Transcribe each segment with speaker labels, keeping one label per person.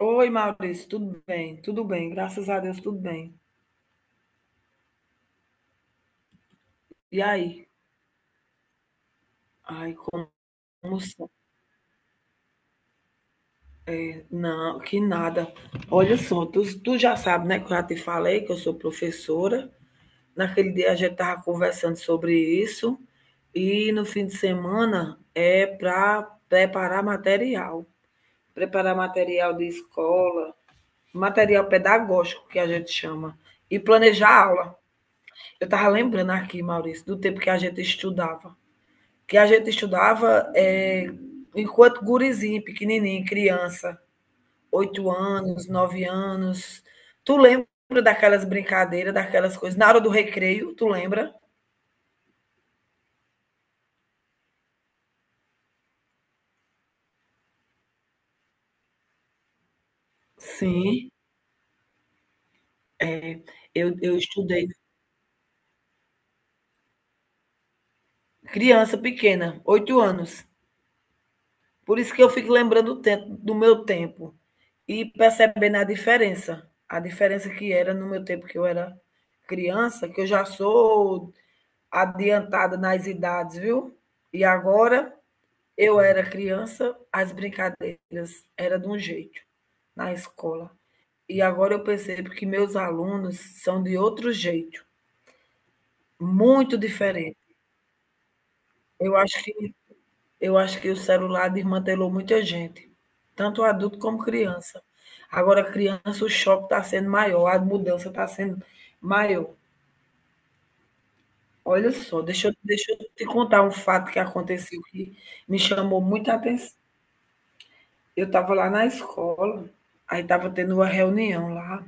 Speaker 1: Oi, Maurício, tudo bem? Tudo bem, graças a Deus, tudo bem. E aí? Ai. como. sa- Não, que nada. Olha só, tu já sabe, né, que eu já te falei que eu sou professora. Naquele dia a gente estava conversando sobre isso. E no fim de semana é para preparar material. Preparar material de escola, material pedagógico, que a gente chama. E planejar aula. Eu estava lembrando aqui, Maurício, do tempo que a gente estudava. que a gente estudava é, Enquanto gurizinho, pequenininho, criança, 8 anos, 9 anos. Tu lembra daquelas brincadeiras, daquelas coisas? Na hora do recreio, tu lembra? Sim, É, eu estudei criança pequena, 8 anos. Por isso que eu fico lembrando o tempo, do meu tempo e percebendo a diferença. A diferença que era no meu tempo que eu era criança, que eu já sou adiantada nas idades, viu? E agora, eu era criança, as brincadeiras era de um jeito na escola. E agora eu percebo que meus alunos são de outro jeito, muito diferente. Eu acho que eu acho que o celular desmantelou muita gente, tanto adulto como criança. Agora, criança, o choque está sendo maior, a mudança está sendo maior. Olha só, deixa eu te contar um fato que aconteceu que me chamou muita atenção. Eu estava lá na escola, aí estava tendo uma reunião lá,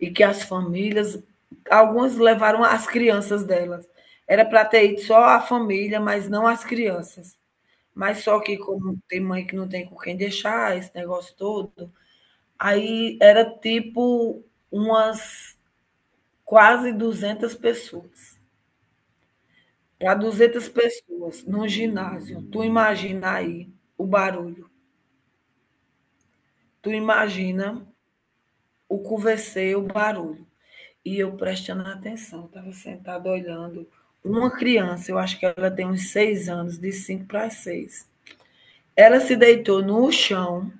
Speaker 1: e que as famílias, algumas levaram as crianças delas. Era para ter ido só a família, mas não as crianças. Mas só que, como tem mãe que não tem com quem deixar, esse negócio todo, aí era tipo umas quase 200 pessoas. Para 200 pessoas num ginásio, tu imagina aí o barulho, tu imagina o conversei, o barulho. E eu prestando atenção, estava sentada olhando. Uma criança, eu acho que ela tem uns 6 anos, de 5 para 6. Ela se deitou no chão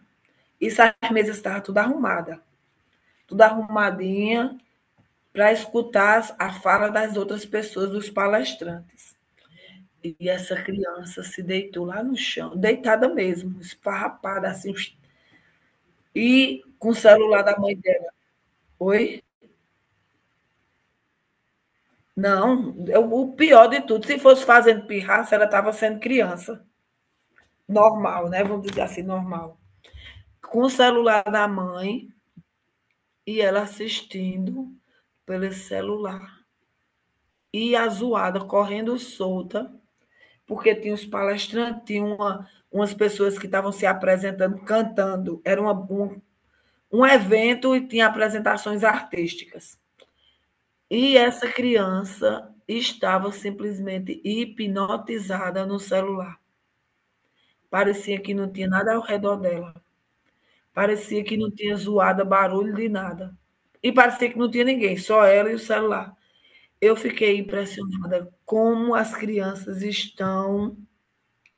Speaker 1: e as mesas estavam tudo arrumada, tudo arrumadinha para escutar a fala das outras pessoas, dos palestrantes. E essa criança se deitou lá no chão, deitada mesmo, esfarrapada assim, e com o celular da mãe dela. Oi? Não, o pior de tudo, se fosse fazendo pirraça, ela estava sendo criança. Normal, né? Vamos dizer assim, normal. Com o celular da mãe e ela assistindo pelo celular. E a zoada correndo solta, porque tinha os palestrantes, tinha umas pessoas que estavam se apresentando, cantando. Era um evento e tinha apresentações artísticas. E essa criança estava simplesmente hipnotizada no celular. Parecia que não tinha nada ao redor dela. Parecia que não tinha zoada, barulho de nada. E parecia que não tinha ninguém, só ela e o celular. Eu fiquei impressionada como as crianças estão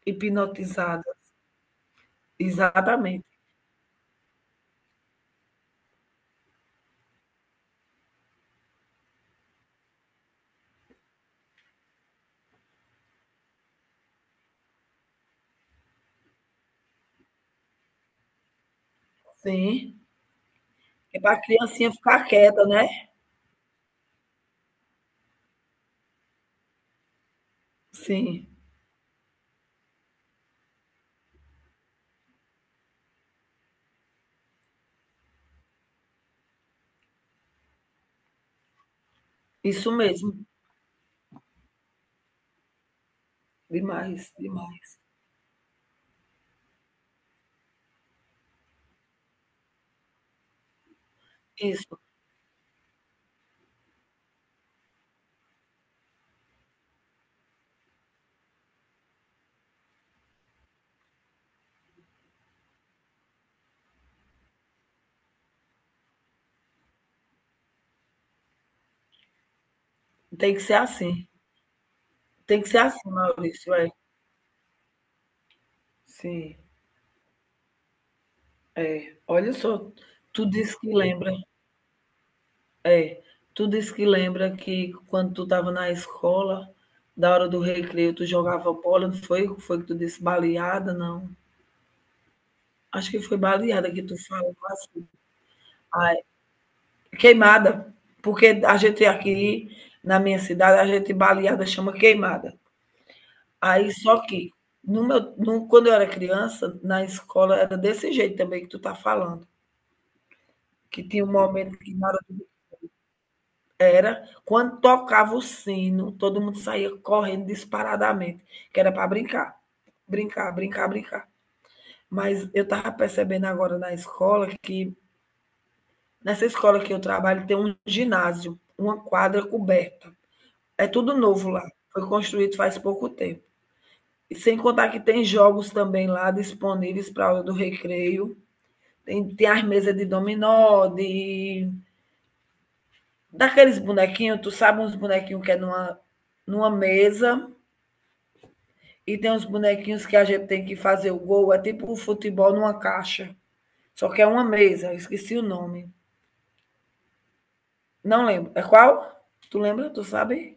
Speaker 1: hipnotizadas. Exatamente. Sim. É para a criancinha ficar quieta, né? Sim. Isso mesmo. Demais, demais. Isso. Tem que ser assim. Tem que ser assim, Maurício. É. Sim. É. Olha só. Tu disse que lembra. É, tudo isso que lembra que quando tu estava na escola, da hora do recreio, tu jogava bola, não foi? Foi que tu disse baleada, não? Acho que foi baleada que tu falou assim. Ah, é. Queimada, porque a gente aqui na minha cidade, a gente baleada chama queimada. Aí só que no meu, no, quando eu era criança, na escola era desse jeito também que tu tá falando, que tinha um momento que na Era quando tocava o sino, todo mundo saía correndo disparadamente, que era para brincar, brincar, brincar, brincar. Mas eu estava percebendo agora na escola que, nessa escola que eu trabalho, tem um ginásio, uma quadra coberta. É tudo novo lá, foi construído faz pouco tempo. E sem contar que tem jogos também lá disponíveis para a hora do recreio. Tem as mesas de dominó, de daqueles bonequinhos, tu sabe uns bonequinhos que é numa mesa. E tem uns bonequinhos que a gente tem que fazer o gol. É tipo um futebol numa caixa. Só que é uma mesa. Eu esqueci o nome. Não lembro. É qual? Tu lembra? Tu sabe?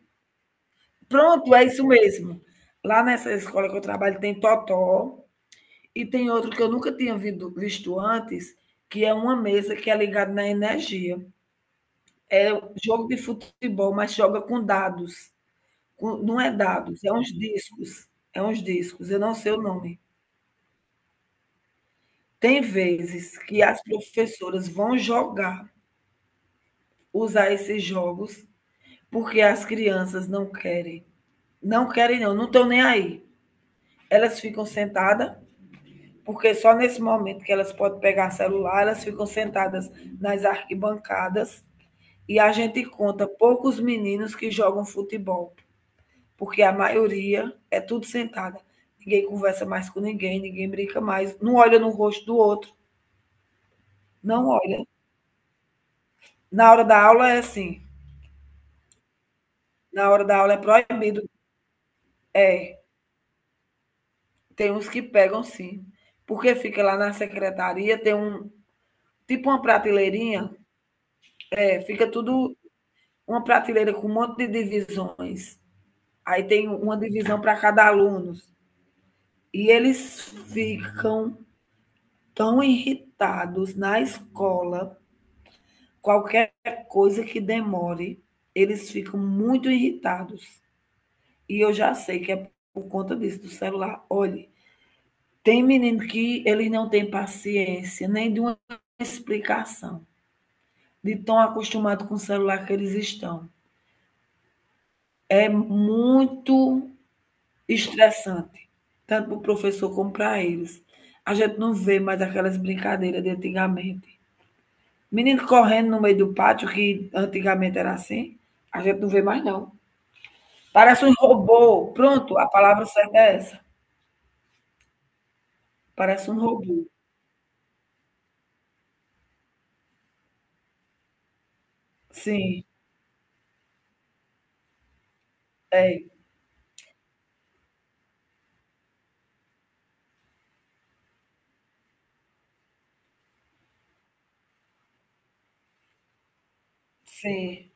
Speaker 1: Pronto, é isso mesmo. Lá nessa escola que eu trabalho tem totó. E tem outro que eu nunca tinha visto antes, que é uma mesa que é ligada na energia. É jogo de futebol, mas joga com dados. Não é dados, é uns discos. É uns discos. Eu não sei o nome. Tem vezes que as professoras vão jogar, usar esses jogos, porque as crianças não querem. Não querem não, não estão nem aí. Elas ficam sentadas, porque só nesse momento que elas podem pegar celular, elas ficam sentadas nas arquibancadas e a gente conta poucos meninos que jogam futebol, porque a maioria é tudo sentada. Ninguém conversa mais com ninguém, ninguém brinca mais, não olha no rosto do outro, não olha. Na hora da aula é assim. Na hora da aula é proibido. É. Tem uns que pegam, sim. Porque fica lá na secretaria, tem um tipo uma prateleirinha, fica tudo uma prateleira com um monte de divisões. Aí tem uma divisão para cada aluno. E eles ficam tão irritados na escola, qualquer coisa que demore, eles ficam muito irritados. E eu já sei que é por conta disso, do celular. Olhe, tem menino que ele não tem paciência nem de uma explicação, de tão acostumado com o celular que eles estão. É muito estressante, tanto para o professor como para eles. A gente não vê mais aquelas brincadeiras de antigamente. Menino correndo no meio do pátio, que antigamente era assim, a gente não vê mais, não. Parece um robô. Pronto, a palavra certa é essa. Parece um robô. Sim, é. Sim,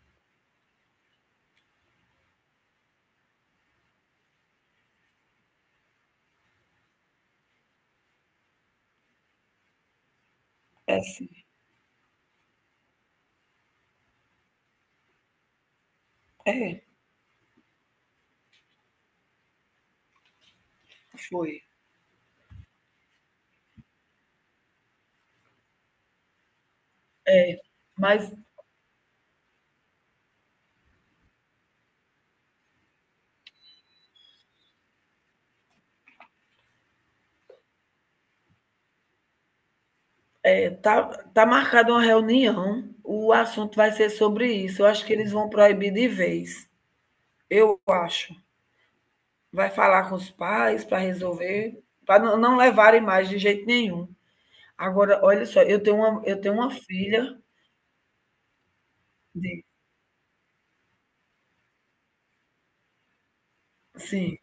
Speaker 1: é sim. É, foi. Mas é, tá marcada uma reunião, o assunto vai ser sobre isso. Eu acho que eles vão proibir de vez. Eu acho. Vai falar com os pais para resolver, para não levarem mais de jeito nenhum. Agora, olha só, eu tenho uma filha de. Sim,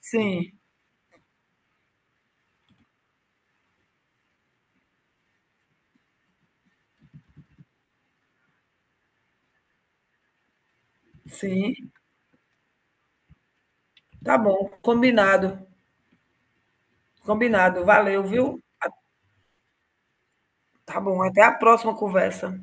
Speaker 1: sim, sim. Tá bom, combinado. Combinado. Valeu, viu? Tá bom, até a próxima conversa.